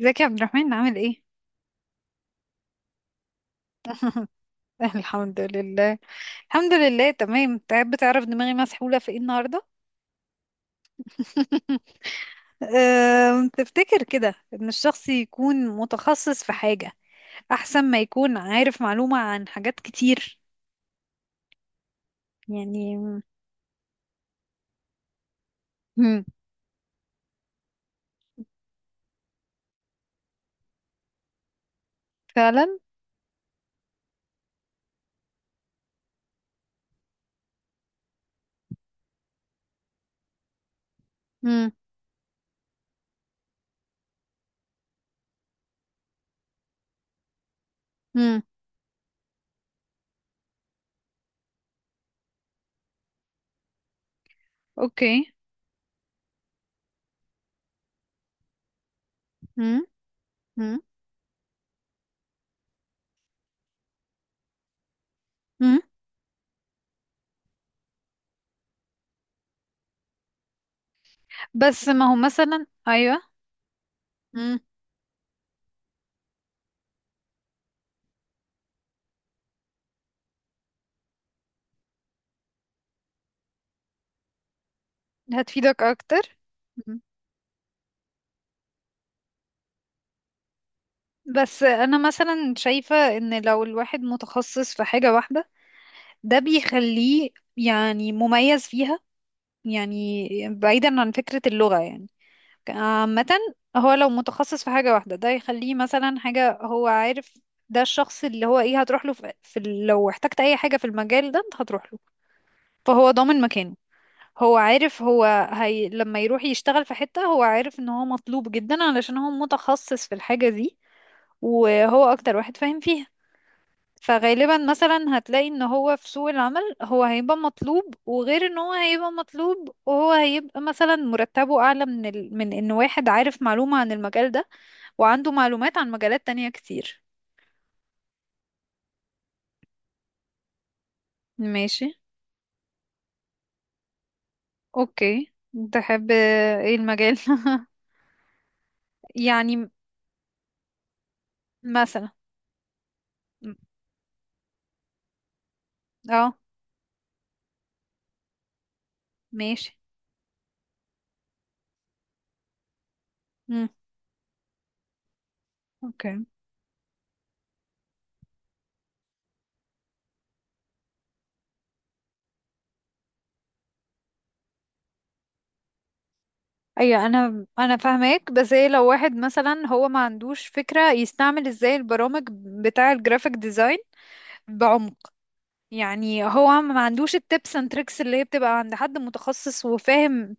ازيك يا عبد الرحمن عامل ايه؟ الحمد لله. الحمد لله تمام. تعب، تعرف دماغي مسحولة في ايه النهاردة؟ تفتكر كده ان الشخص يكون متخصص في حاجة احسن ما يكون عارف معلومة عن حاجات كتير يعني. مم. فعلا. مم. مم. اوكي. مم. مم. مم. بس ما هو مثلا ايوه. مم. هتفيدك اكتر. مم. بس انا مثلا شايفة ان لو الواحد متخصص في حاجة واحدة ده بيخليه يعني مميز فيها، يعني بعيدا عن فكرة اللغة يعني عامة. هو لو متخصص في حاجة واحدة ده يخليه مثلا حاجة هو عارف. ده الشخص اللي هو ايه، هتروح له في لو احتجت اي حاجة في المجال ده انت هتروح له. فهو ضامن مكانه. هو عارف، هو هي لما يروح يشتغل في حتة هو عارف ان هو مطلوب جدا علشان هو متخصص في الحاجة دي وهو اكتر واحد فاهم فيها. فغالبا مثلا هتلاقي ان هو في سوق العمل هو هيبقى مطلوب، وغير ان هو هيبقى مطلوب وهو هيبقى مثلا مرتبه اعلى من من ان واحد عارف معلومة عن المجال ده وعنده معلومات عن مجالات تانية كتير. ماشي. اوكي. تحب. ايه المجال؟ يعني مثلا. اه ماشي. مم. اوكي. ايوه، انا فاهماك بس ايه، لو واحد مثلا هو ما عندوش فكرة يستعمل ازاي البرامج بتاع الجرافيك ديزاين بعمق، يعني هو ما عندوش التبس اند تريكس اللي هي بتبقى عند حد متخصص وفاهم.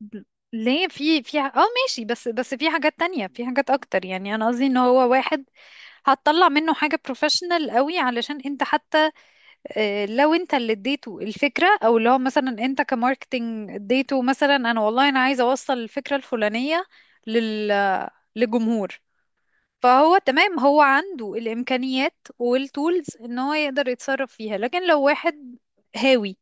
ب- ليه في في ح- اه ماشي، بس في حاجات تانية، في حاجات اكتر. يعني انا قصدي ان هو واحد هتطلع منه حاجة بروفيشنال قوي علشان انت حتى، لو انت اللي اديته الفكرة او اللي هو مثلا انت كماركتينج اديته مثلا انا والله انا عايزة اوصل الفكرة الفلانية لل لجمهور. فهو تمام، هو عنده الإمكانيات والتولز ان هو يقدر يتصرف فيها. لكن لو واحد هاوي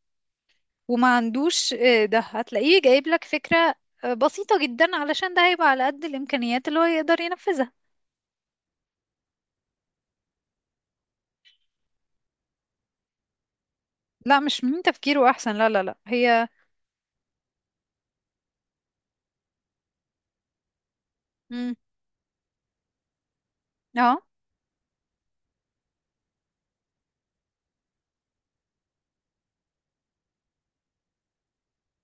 وما عندوش، ده هتلاقيه جايب لك فكرة بسيطة جدا علشان ده هيبقى على قد الإمكانيات اللي هو يقدر ينفذها. لا، مش من تفكيره أحسن، لا لا لا هي. مم. اه.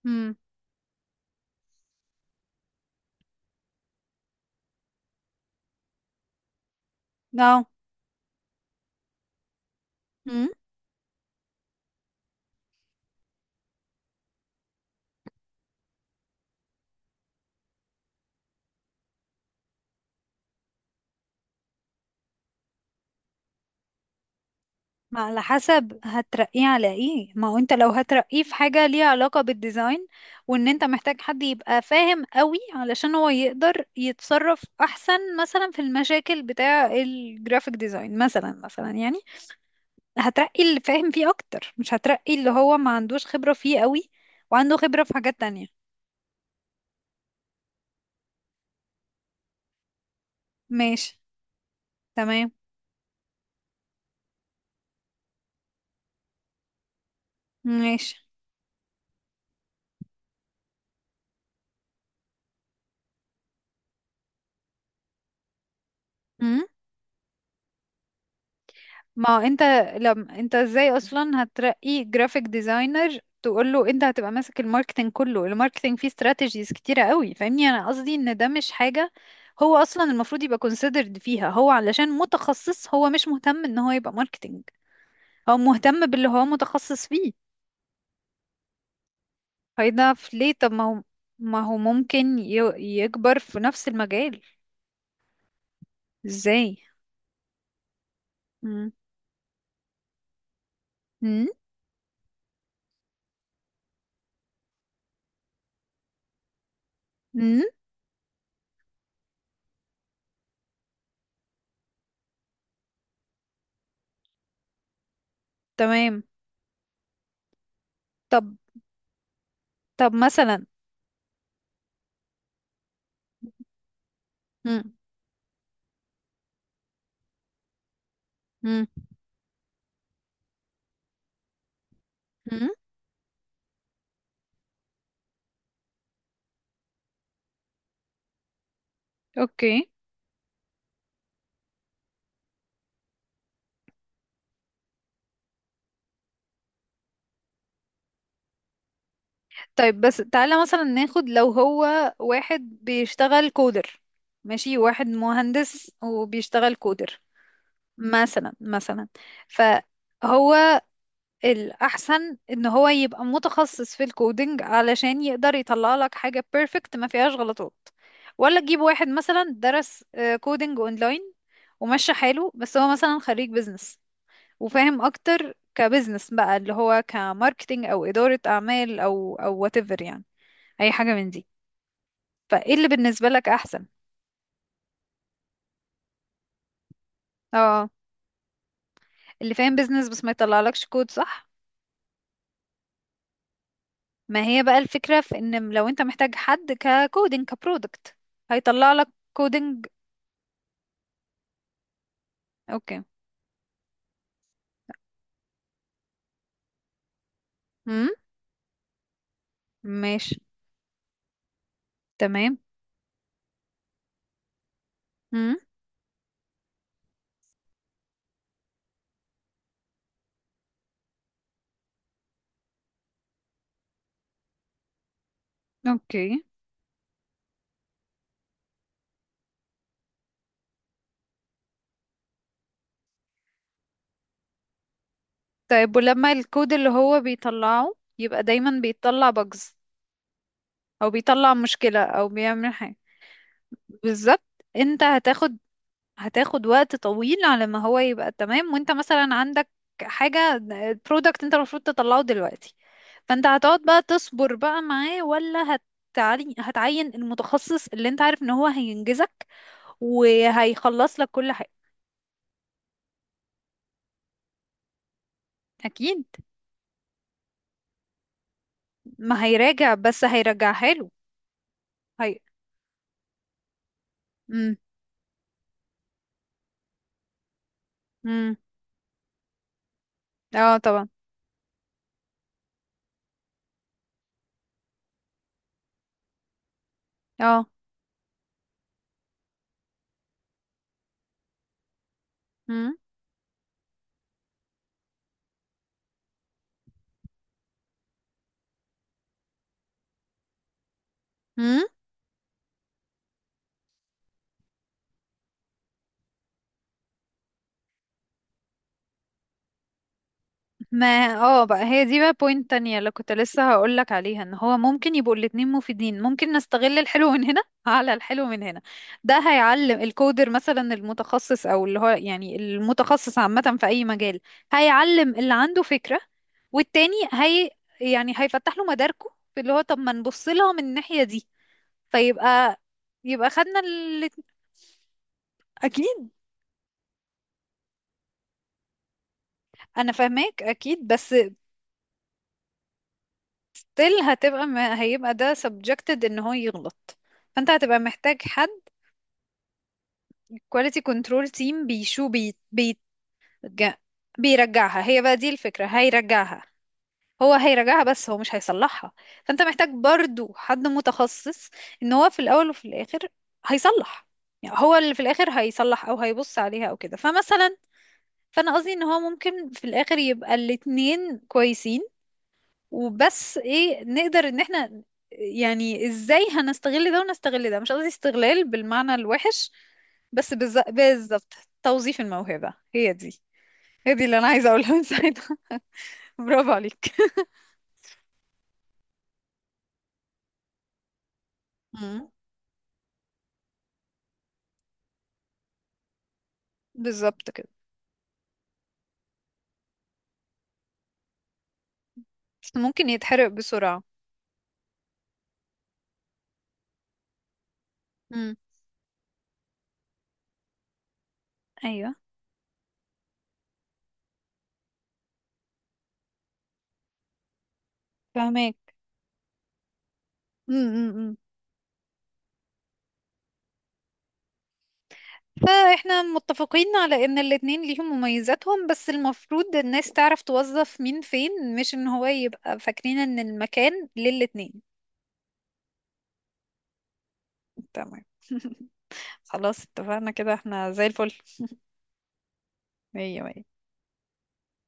مم. اه. مم. ما على حسب هترقيه على ايه. ما هو انت لو هترقيه في حاجة ليها علاقة بالديزاين وان انت محتاج حد يبقى فاهم قوي علشان هو يقدر يتصرف احسن مثلا في المشاكل بتاع الجرافيك ديزاين، مثلا يعني. هترقي اللي فاهم فيه اكتر، مش هترقي اللي هو ما عندوش خبرة فيه قوي وعنده خبرة في حاجات تانية. ماشي. تمام. ماشي. ما هو انت، لم انت ازاي اصلا هترقي جرافيك ديزاينر تقول له انت هتبقى ماسك الماركتنج كله؟ الماركتنج فيه استراتيجيز كتيرة قوي، فاهمني. انا قصدي ان ده مش حاجة هو اصلا المفروض يبقى considered فيها، هو علشان متخصص هو مش مهتم ان هو يبقى ماركتنج، هو مهتم باللي هو متخصص فيه. هيضعف ليه؟ طب ما هو، ممكن يكبر في نفس المجال. ازاي. مم. مم. مم. تمام. طب. مثلا. مم. مم. مم. اوكي. طيب، بس تعالى مثلا ناخد لو هو واحد بيشتغل كودر. ماشي، واحد مهندس وبيشتغل كودر، مثلا. فهو الأحسن إن هو يبقى متخصص في الكودينج علشان يقدر يطلع لك حاجة بيرفكت ما فيهاش غلطات، ولا تجيب واحد مثلا درس كودينج اونلاين ومشى حاله، بس هو مثلا خريج بيزنس وفاهم اكتر كبزنس بقى اللي هو كماركتينج او ادارة اعمال او whatever يعني، اي حاجه من دي. فايه اللي بالنسبه لك احسن؟ اه، اللي فاهم بيزنس بس ما يطلعلكش كود، صح؟ ما هي بقى الفكره في ان لو انت محتاج حد ككودينج كبرودكت هيطلع لك كودينج. اوكي. امم. ماشي. تمام. امم. اوكي. طيب ولما الكود اللي هو بيطلعه يبقى دايما بيطلع بجز او بيطلع مشكله او بيعمل حاجه. بالظبط. انت هتاخد وقت طويل على ما هو يبقى تمام، وانت مثلا عندك حاجة برودكت انت المفروض تطلعه دلوقتي. فانت هتقعد بقى تصبر بقى معاه، ولا هتعين المتخصص اللي انت عارف ان هو هينجزك وهيخلص لك كل حاجة؟ اكيد. ما هيراجع بس هيرجعها له. هي. امم. امم. اه طبعا. اه. امم. ما اه بقى هي دي بقى بوينت تانية اللي كنت لسه هقولك عليها ان هو ممكن يبقوا الاتنين مفيدين. ممكن نستغل الحلو من هنا على الحلو من هنا، ده هيعلم الكودر مثلا المتخصص او اللي هو يعني المتخصص عامة في اي مجال. هيعلم اللي عنده فكرة، والتاني هي يعني هيفتح له مداركه في اللي هو، طب ما نبص لها من الناحية دي. فيبقى خدنا الاتنين. اكيد انا فاهماك، اكيد بس still هتبقى، ما هيبقى ده subjected ان هو يغلط. فانت هتبقى محتاج حد quality control team. بيشو بي جا- بيرجعها. هي بقى دي الفكرة، هيرجعها. هو هيرجعها بس هو مش هيصلحها. فانت محتاج برضو حد متخصص ان هو في الاول وفي الاخر هيصلح. يعني هو اللي في الاخر هيصلح او هيبص عليها او كده، فمثلا فانا قصدي ان هو ممكن في الاخر يبقى الاتنين كويسين. وبس ايه نقدر ان احنا يعني ازاي هنستغل ده ونستغل ده، مش قصدي استغلال بالمعنى الوحش. بالظبط. توظيف الموهبة، هي دي، هي دي اللي انا عايزة اقولها من ساعتها. برافو عليك. مم. بالظبط كده. بس ممكن يتحرق بسرعة. مم. ايوه. فهمك. امم. فاحنا متفقين على ان الاتنين ليهم مميزاتهم، بس المفروض الناس تعرف توظف مين فين، مش ان هو يبقى فاكرين ان المكان للاتنين. تمام. خلاص اتفقنا كده، احنا زي الفل. مية مية.